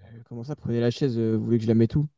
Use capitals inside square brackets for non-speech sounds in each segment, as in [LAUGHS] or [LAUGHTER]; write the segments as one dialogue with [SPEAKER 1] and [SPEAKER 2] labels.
[SPEAKER 1] Comment ça, prenez la chaise, vous voulez que je la mette où?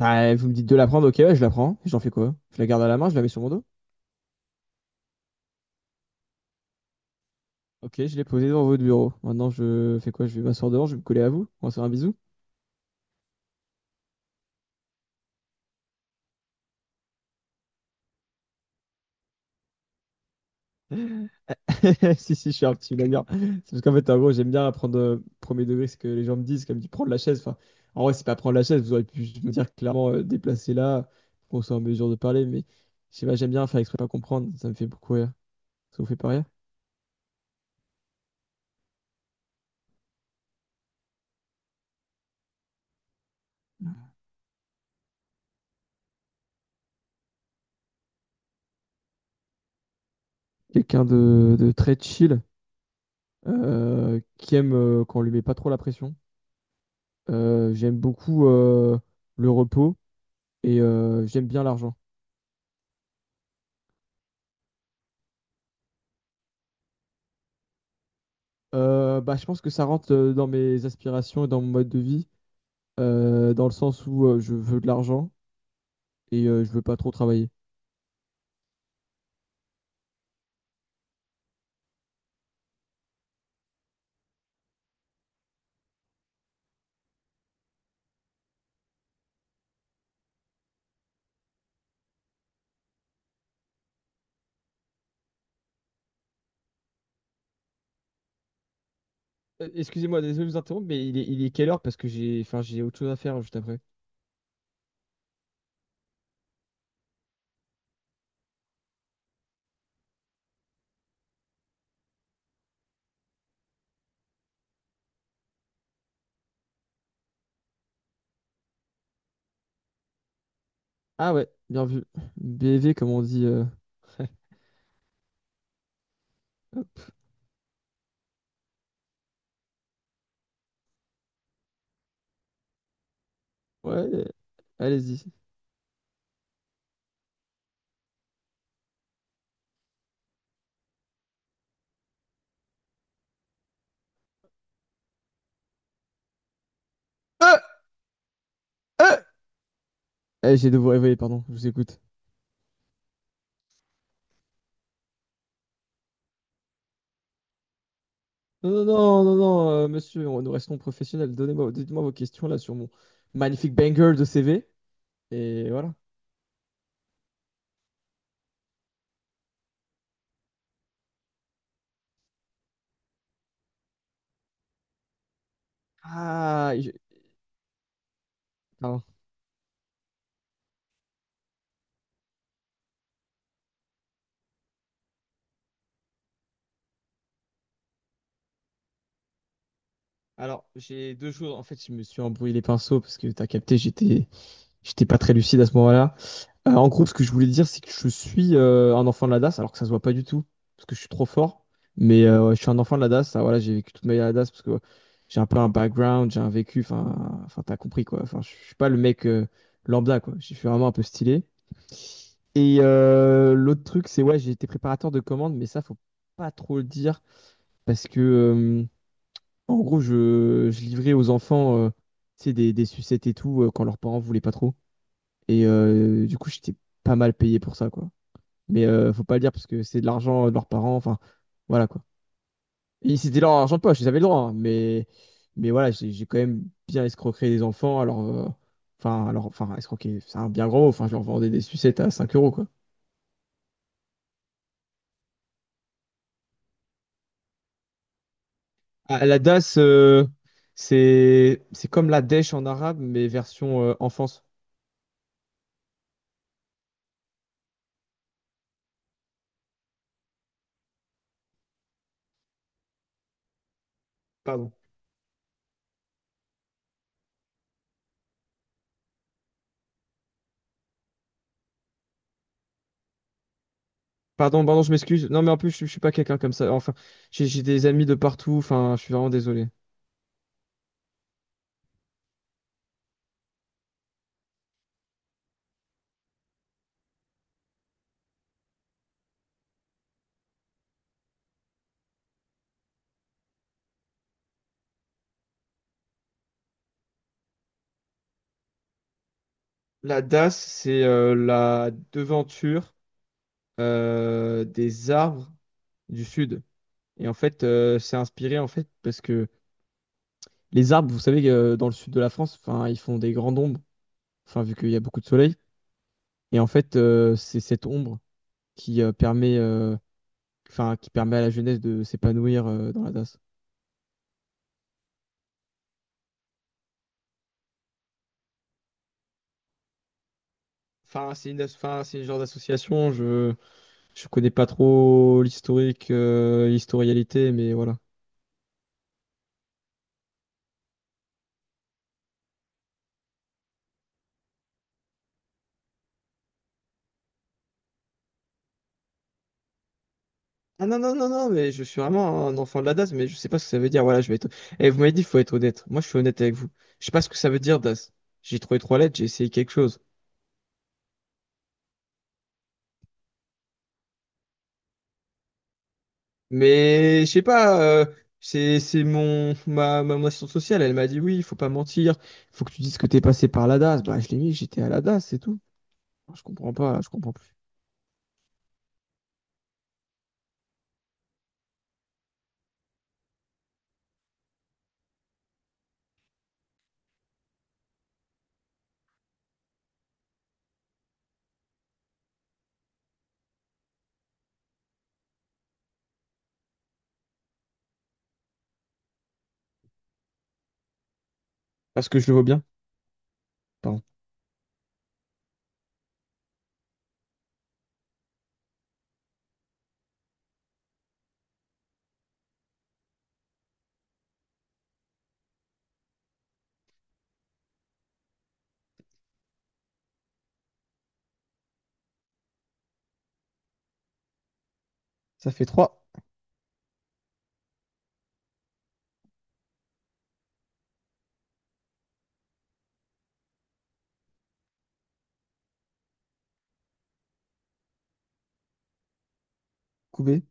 [SPEAKER 1] Bah, vous me dites de la prendre, ok, ouais, je la prends. J'en fais quoi? Je la garde à la main, je la mets sur mon dos? Ok, je l'ai posée devant votre bureau. Maintenant, je fais quoi? Je vais m'asseoir devant, je vais me coller à vous. On va se faire un bisou. [LAUGHS] Si, si, je suis un petit blagueur. C'est parce qu'en fait, en gros, j'aime bien prendre premier degré ce que les gens me disent, comme tu prendre la chaise. Enfin, en vrai, c'est pas prendre la chaise, vous auriez pu juste me dire clairement déplacer là, qu'on soit en mesure de parler, mais je sais pas, j'aime bien faire exprès de pas comprendre, ça me fait beaucoup rire. Ça vous fait pas rire? Quelqu'un de très chill. Qui aime quand on lui met pas trop la pression. J'aime beaucoup le repos et j'aime bien l'argent. Bah, je pense que ça rentre dans mes aspirations et dans mon mode de vie, dans le sens où je veux de l'argent et je veux pas trop travailler. Excusez-moi, désolé de vous interrompre, mais il est quelle heure? Parce que j'ai autre chose à faire juste après. Ah ouais, bien vu. BV, comme on dit. [LAUGHS] Ouais, allez-y. Euh, euh, Eh, j'ai de vous réveiller, pardon, je vous écoute. Non, non, non, non, non, monsieur, nous restons professionnels. Donnez-moi, dites-moi vos questions là sur mon magnifique banger de CV. Et voilà. Ah, pardon. Alors, j'ai deux choses. En fait, je me suis embrouillé les pinceaux parce que t'as capté, j'étais pas très lucide à ce moment-là. En gros, ce que je voulais dire, c'est que je suis un enfant de la DAS, alors que ça se voit pas du tout, parce que je suis trop fort. Mais ouais, je suis un enfant de la DAS. Ah, voilà, j'ai vécu toute ma vie à la DAS parce que j'ai un peu un background, j'ai un vécu. Enfin, t'as compris quoi. Enfin, je suis pas le mec lambda quoi. Je suis vraiment un peu stylé. Et l'autre truc, c'est ouais, j'ai été préparateur de commandes, mais ça, faut pas trop le dire parce que en gros, je livrais aux enfants, tu sais, des sucettes et tout quand leurs parents voulaient pas trop. Et du coup, j'étais pas mal payé pour ça quoi. Mais faut pas le dire parce que c'est de l'argent de leurs parents. Enfin, voilà quoi. Et c'était leur argent de poche, ils avaient le droit, hein, mais voilà, j'ai quand même bien escroqué des enfants. Alors, escroquer, c'est un bien grand mot. Enfin, je leur vendais des sucettes à 5 € quoi. Ah, la DAS, c'est comme la dèche en arabe, mais version enfance. Pardon. Pardon, pardon, je m'excuse. Non, mais en plus, je suis pas quelqu'un comme ça. Enfin, j'ai des amis de partout. Enfin, je suis vraiment désolé. La DAS, c'est la devanture. Des arbres du sud. Et en fait, c'est inspiré en fait parce que les arbres, vous savez, dans le sud de la France, enfin, ils font des grandes ombres, enfin, vu qu'il y a beaucoup de soleil. Et en fait, c'est cette ombre qui euh, permet, euh, qui permet à la jeunesse de s'épanouir dans la DAS. Enfin, c'est le genre d'association. Je connais pas trop l'historique, l'historialité, mais voilà. Ah non, non, non, non, mais je suis vraiment un enfant de la DAS, mais je sais pas ce que ça veut dire. Voilà, je vais être. Et vous m'avez dit, il faut être honnête. Moi, je suis honnête avec vous. Je sais pas ce que ça veut dire, DAS. J'ai trouvé trois lettres, j'ai essayé quelque chose. Mais je sais pas, c'est mon assistante sociale, elle m'a dit, oui, il faut pas mentir, faut que tu dises que t'es passé par la DAS. Bah, je l'ai mis, j'étais à la DAS, c'est tout. Je comprends pas, je comprends plus. Parce que je le vois bien, pardon. Ça fait trois, coubé.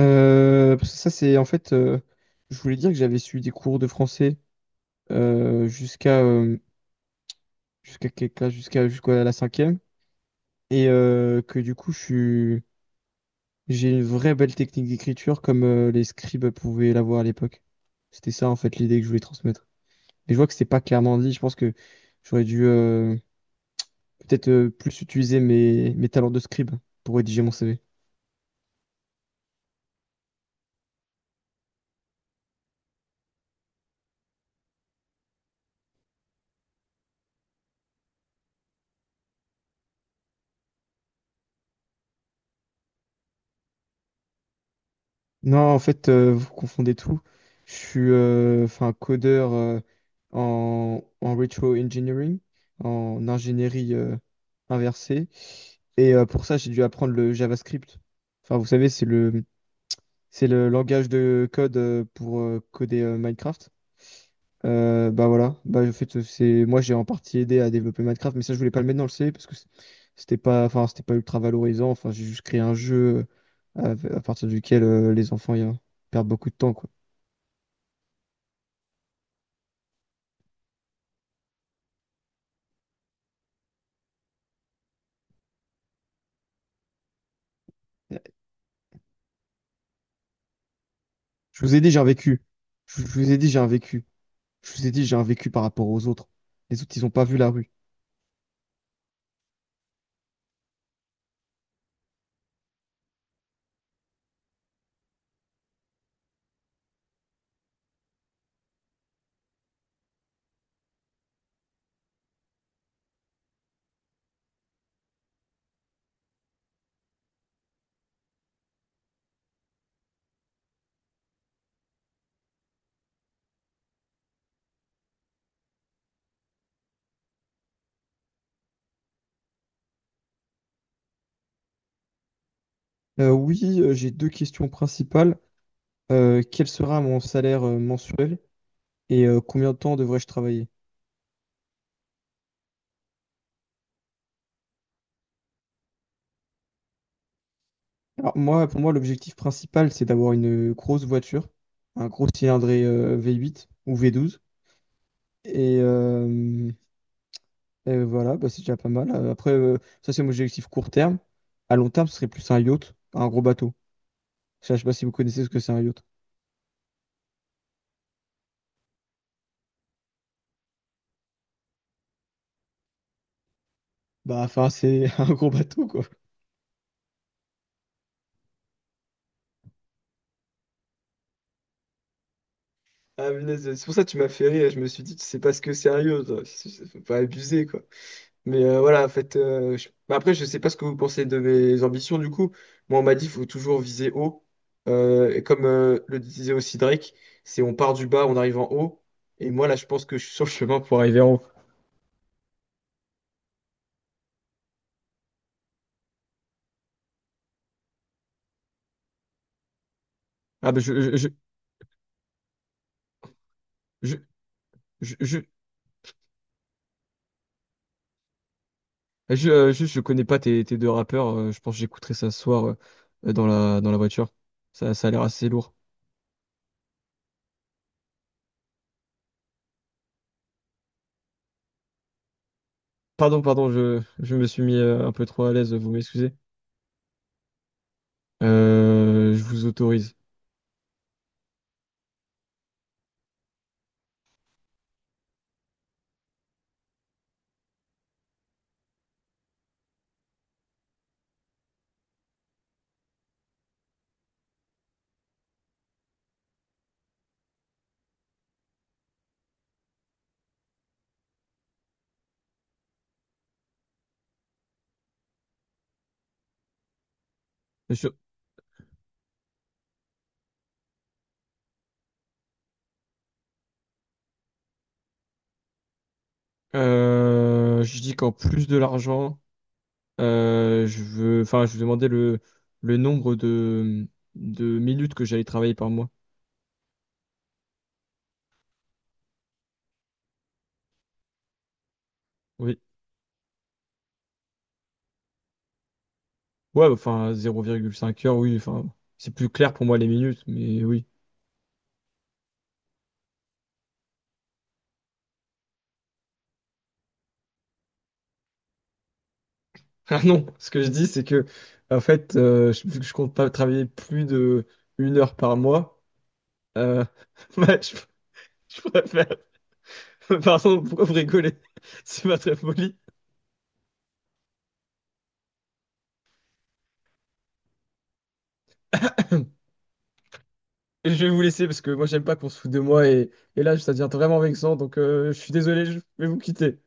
[SPEAKER 1] Parce que ça, c'est en fait, je voulais dire que j'avais suivi des cours de français euh, jusqu'à. euh, jusqu'à quelle classe? Jusqu'à la cinquième. Et que du coup, j'ai une vraie belle technique d'écriture comme les scribes pouvaient l'avoir à l'époque. C'était ça, en fait, l'idée que je voulais transmettre. Et je vois que c'était pas clairement dit. Je pense que j'aurais dû peut-être plus utiliser mes talents de scribe pour rédiger mon CV. Non, en fait, vous confondez tout. Je suis enfin, codeur en retro engineering, en ingénierie inversée. Et pour ça, j'ai dû apprendre le JavaScript. Enfin, vous savez, c'est le langage de code pour coder Minecraft. Bah voilà, bah en fait c'est moi j'ai en partie aidé à développer Minecraft, mais ça je voulais pas le mettre dans le C parce que c'était pas, enfin c'était pas ultra valorisant. Enfin j'ai juste créé un jeu à partir duquel les enfants y, perdent beaucoup de temps quoi. Je vous ai dit j'ai un vécu. Je vous ai dit j'ai un vécu. Je vous ai dit j'ai un vécu par rapport aux autres. Les autres ils ont pas vu la rue. Oui, j'ai deux questions principales. Quel sera mon salaire mensuel et combien de temps devrais-je travailler? Alors moi, pour moi, l'objectif principal, c'est d'avoir une grosse voiture, un gros cylindré V8 ou V12. Et, euh, et voilà, bah, c'est déjà pas mal. Après, ça c'est mon objectif court terme. À long terme, ce serait plus un yacht, un gros bateau. Ça, je sais pas si vous connaissez ce que c'est un yacht. Bah, enfin, c'est [LAUGHS] un gros bateau, quoi. Ah, punaise, c'est pour ça que tu m'as fait rire. Je me suis dit, tu sais pas ce que sérieux, toi. Faut pas abuser, quoi. Mais voilà, en fait, mais après, je sais pas ce que vous pensez de mes ambitions, du coup. Moi, on m'a dit, faut toujours viser haut. Et comme le disait aussi Drake, c'est on part du bas, on arrive en haut. Et moi, là, je pense que je suis sur le chemin pour arriver en haut. Ah bah je je je, juste, je connais pas tes deux rappeurs, je pense que j'écouterai ça ce soir dans la voiture. Ça a l'air assez lourd. Pardon, pardon, je me suis mis un peu trop à l'aise, vous m'excusez. Je vous autorise. Monsieur, je dis qu'en plus de l'argent, je veux, enfin, je vous demandais le nombre de minutes que j'allais travailler par mois. Oui. Ouais, enfin, 0,5 heures, oui, enfin, c'est plus clair pour moi les minutes, mais oui. [LAUGHS] Ah non, ce que je dis, c'est que, en fait, vu que je compte pas travailler plus de 1 heure par mois, euh, [LAUGHS] bah, je préfère. [LAUGHS] Pardon, pourquoi vous rigolez? [LAUGHS] C'est pas très poli. Et je vais vous laisser parce que moi j'aime pas qu'on se foute de moi et là ça devient vraiment vexant donc je suis désolé, je vais vous quitter.